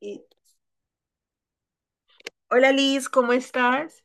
Y- Hola Liz, ¿cómo estás?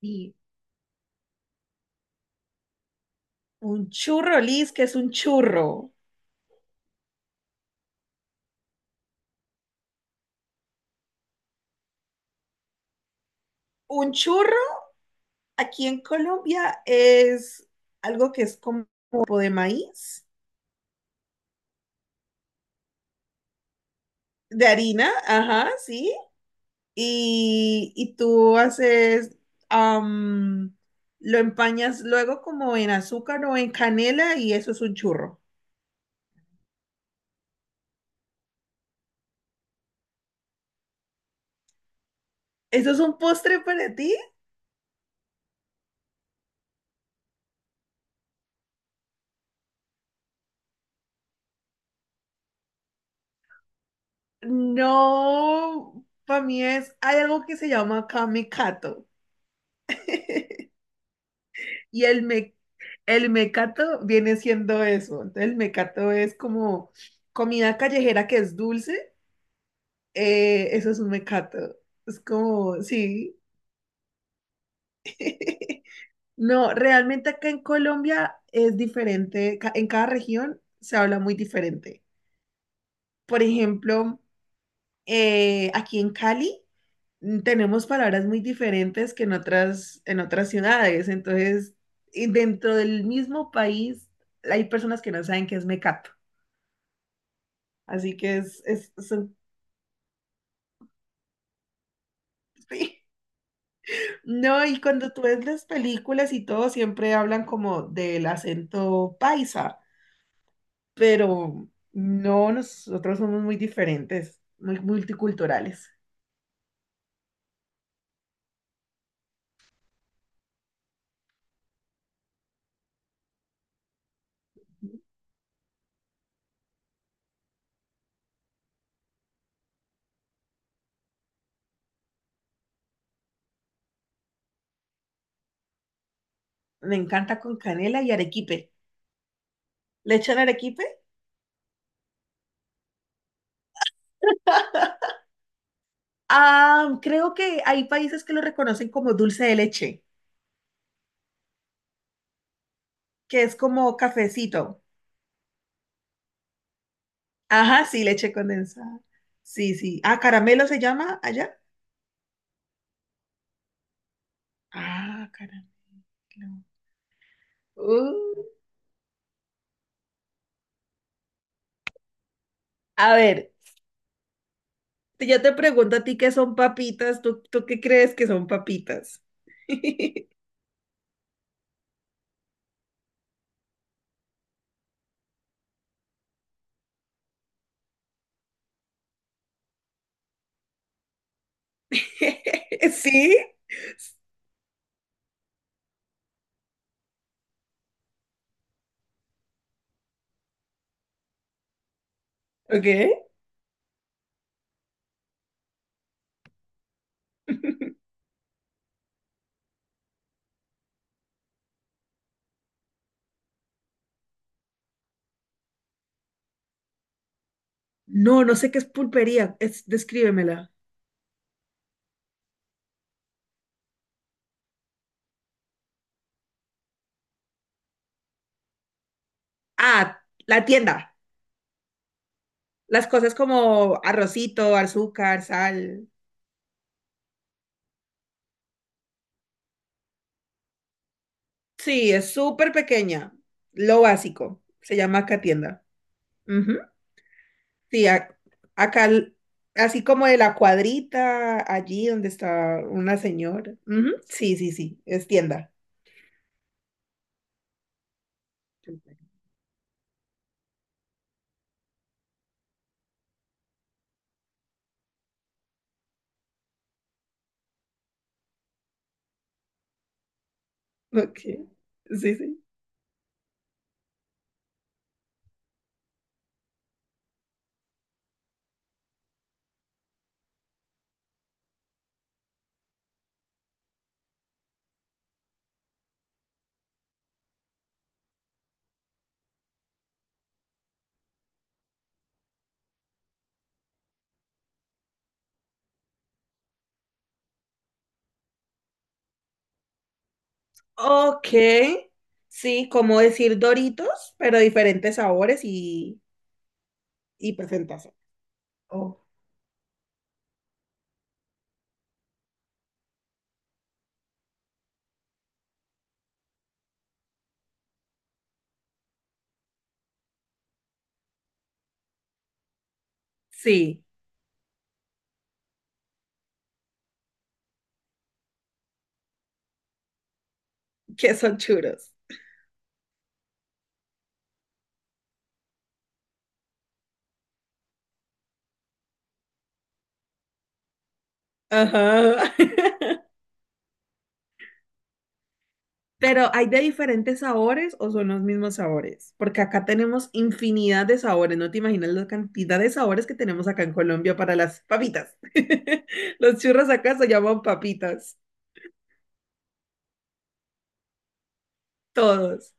Sí, un churro, Liz, ¿que es un churro? Un churro aquí en Colombia es algo que es como tipo de maíz, de harina, ajá, sí. Y tú haces, am, lo empañas luego como en azúcar o en canela y eso es un churro. ¿Eso es un postre para ti? No, para mí es, hay algo que se llama kamikato. Y el, me, el mecato viene siendo eso. Entonces, el mecato es como comida callejera que es dulce. Eso es un mecato. Es como, sí. No, realmente acá en Colombia es diferente. En cada región se habla muy diferente. Por ejemplo, aquí en Cali tenemos palabras muy diferentes que en en otras ciudades. Entonces, y dentro del mismo país hay personas que no saben qué es mecato. Así que sí. No, y cuando tú ves las películas y todo, siempre hablan como del acento paisa, pero no, nosotros somos muy diferentes, muy multiculturales. Me encanta con canela y arequipe. ¿Le echan arequipe? Ah, creo que hay países que lo reconocen como dulce de leche, que es como cafecito. Ajá, sí, leche condensada. Sí, sí. Ah, caramelo se llama allá. Ah, caramelo. Uh, A ver, yo te pregunto a ti qué son papitas, ¿tú qué crees que son papitas? ¿Sí? Ok. No, no sé qué es pulpería, es, descríbemela. Ah, la tienda. Las cosas como arrocito, azúcar, sal. Sí, es súper pequeña. Lo básico. Se llama acá tienda. Ujú. Sí, acá, así como de la cuadrita, allí donde está una señora. Ujú. Sí, sí, sí, es tienda. Ok, sí, sí. Ok, sí, como decir Doritos, pero diferentes sabores y presentación. Oh, sí, que son churros. Ajá. Pero ¿hay de diferentes sabores o son los mismos sabores? Porque acá tenemos infinidad de sabores, no te imaginas la cantidad de sabores que tenemos acá en Colombia para las papitas. Los churros acá se llaman papitas, todos.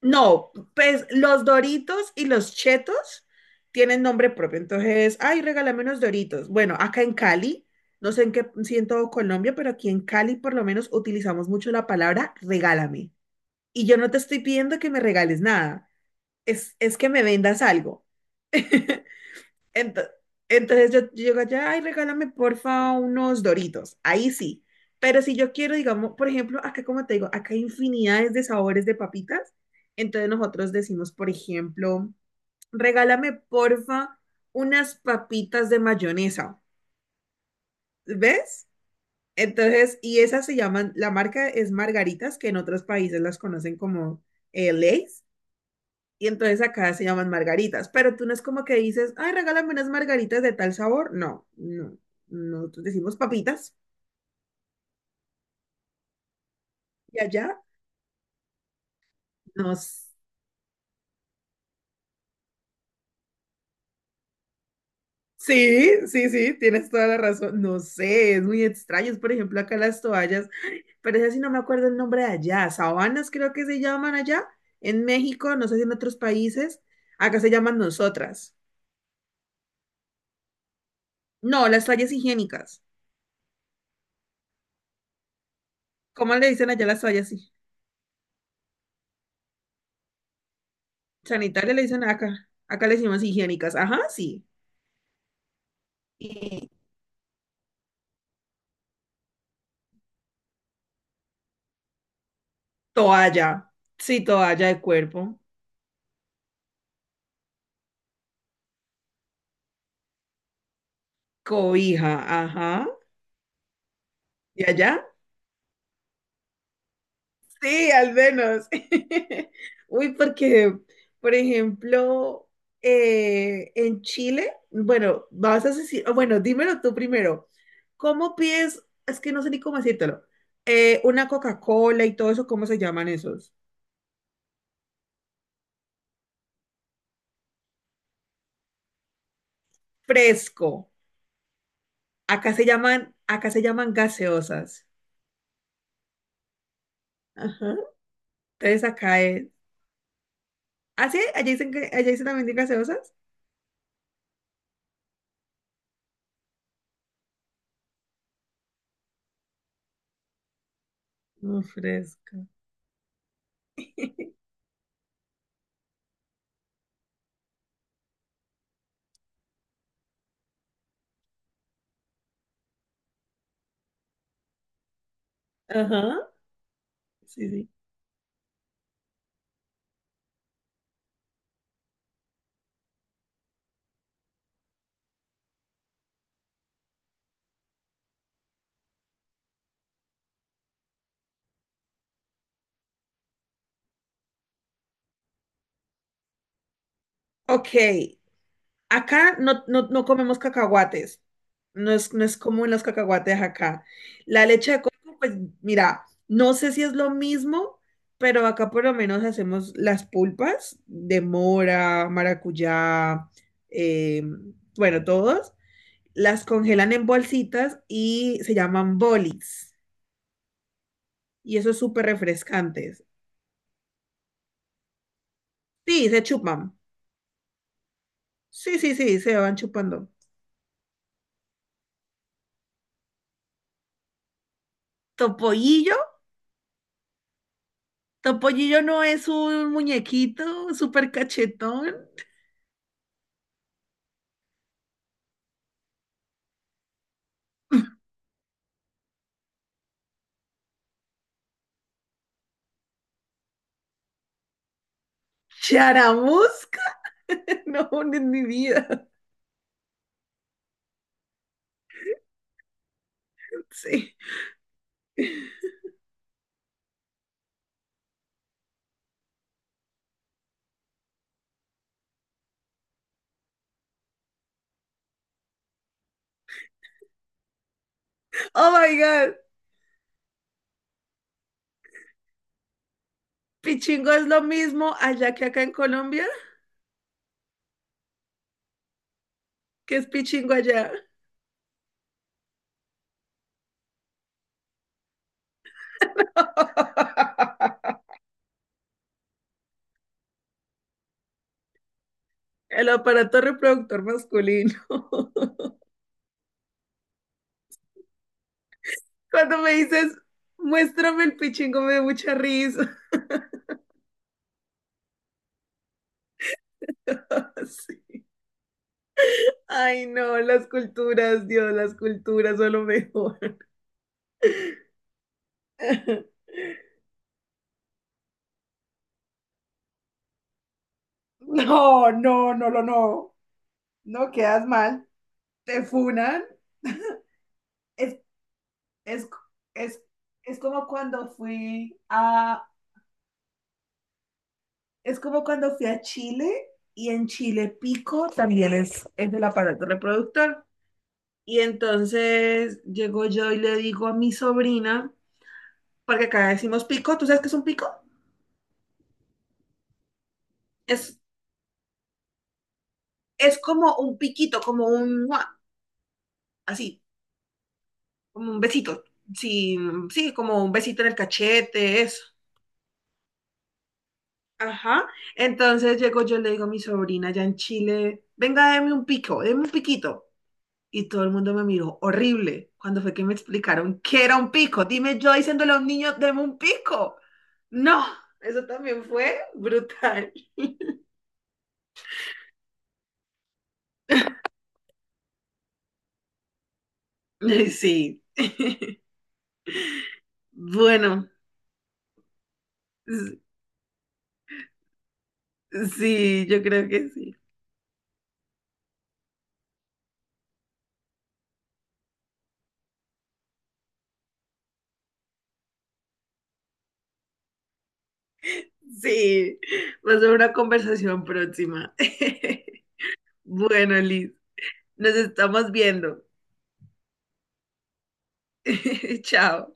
No, pues los Doritos y los Chetos tienen nombre propio. Entonces, ay, regálame unos Doritos. Bueno, acá en Cali, no sé en qué, si en todo Colombia, pero aquí en Cali por lo menos utilizamos mucho la palabra regálame. Y yo no te estoy pidiendo que me regales nada, es que me vendas algo. Ento- Entonces yo llego allá, ay, regálame porfa unos Doritos. Ahí sí. Pero si yo quiero, digamos, por ejemplo, acá como te digo, acá hay infinidades de sabores de papitas. Entonces nosotros decimos, por ejemplo, regálame porfa unas papitas de mayonesa. ¿Ves? Entonces, y esas se llaman, la marca es Margaritas, que en otros países las conocen como Lay's. Y entonces acá se llaman margaritas, pero tú no es como que dices, ay, regálame unas margaritas de tal sabor. No, no, nosotros decimos papitas y allá nos... Sí, sí, sí, tienes toda la razón. No sé, es muy extraño. Es, por ejemplo, acá las toallas, ay, pero es así, no me acuerdo el nombre de allá. Sabanas creo que se llaman allá, en México, no sé si en otros países. Acá se llaman nosotras. No, las toallas higiénicas. ¿Cómo le dicen allá las toallas? Sí. Sanitarias le dicen acá. Acá le decimos higiénicas. Ajá, sí. Toalla. Sí, toalla de cuerpo. Cobija, ajá. ¿Y allá? Sí, al menos. Uy, porque, por ejemplo, en Chile, bueno, vas a decir, o bueno, dímelo tú primero. ¿Cómo pides? Es que no sé ni cómo decírtelo. Una Coca-Cola y todo eso, ¿cómo se llaman esos? Fresco. Acá se llaman gaseosas. Ajá. Entonces acá es. ¿Ah, sí? Allá dicen también de gaseosas? No fresca. Ajá, sí, sí. Ok, acá no, no, no comemos cacahuates. No es, no es común los cacahuates acá. La leche de coco, pues mira, no sé si es lo mismo, pero acá por lo menos hacemos las pulpas de mora, maracuyá, eh, bueno, todos. Las congelan en bolsitas y se llaman bolis. Y eso es súper refrescantes. Sí, se chupan. Sí, sí, sí, se van chupando. Topollillo. Topollillo no es un muñequito súper cachetón. Charamusca. No, no, en mi vida. Sí. Oh my God. Pichingo es lo mismo allá que acá en Colombia. ¿Qué es pichingo allá? El aparato reproductor masculino. Cuando me dices, muéstrame el pichingo, me da mucha risa. Sí. Ay, no, las culturas, Dios, las culturas son lo mejor. No, no, no, no, no. No quedas mal, te funan. Es, es, es, es como cuando fui es como cuando fui a Chile y en Chile Pico también es del aparato reproductor. Y entonces llego yo y le digo a mi sobrina, porque acá decimos pico, ¿tú sabes qué es un pico? Es, es como un piquito, como un, ¡mua! Así, como un besito. Sí, sí, como un besito en el cachete, eso. Ajá. Entonces llego yo, le digo a mi sobrina allá en Chile, venga, deme un pico, deme un piquito. Y todo el mundo me miró horrible cuando fue que me explicaron qué era un pico. Dime yo diciéndole a un niño, deme un pico. No, eso también fue brutal. Sí, bueno, s- sí, yo creo que sí. Sí, va a ser una conversación próxima. Bueno, Liz, nos estamos viendo. Chao.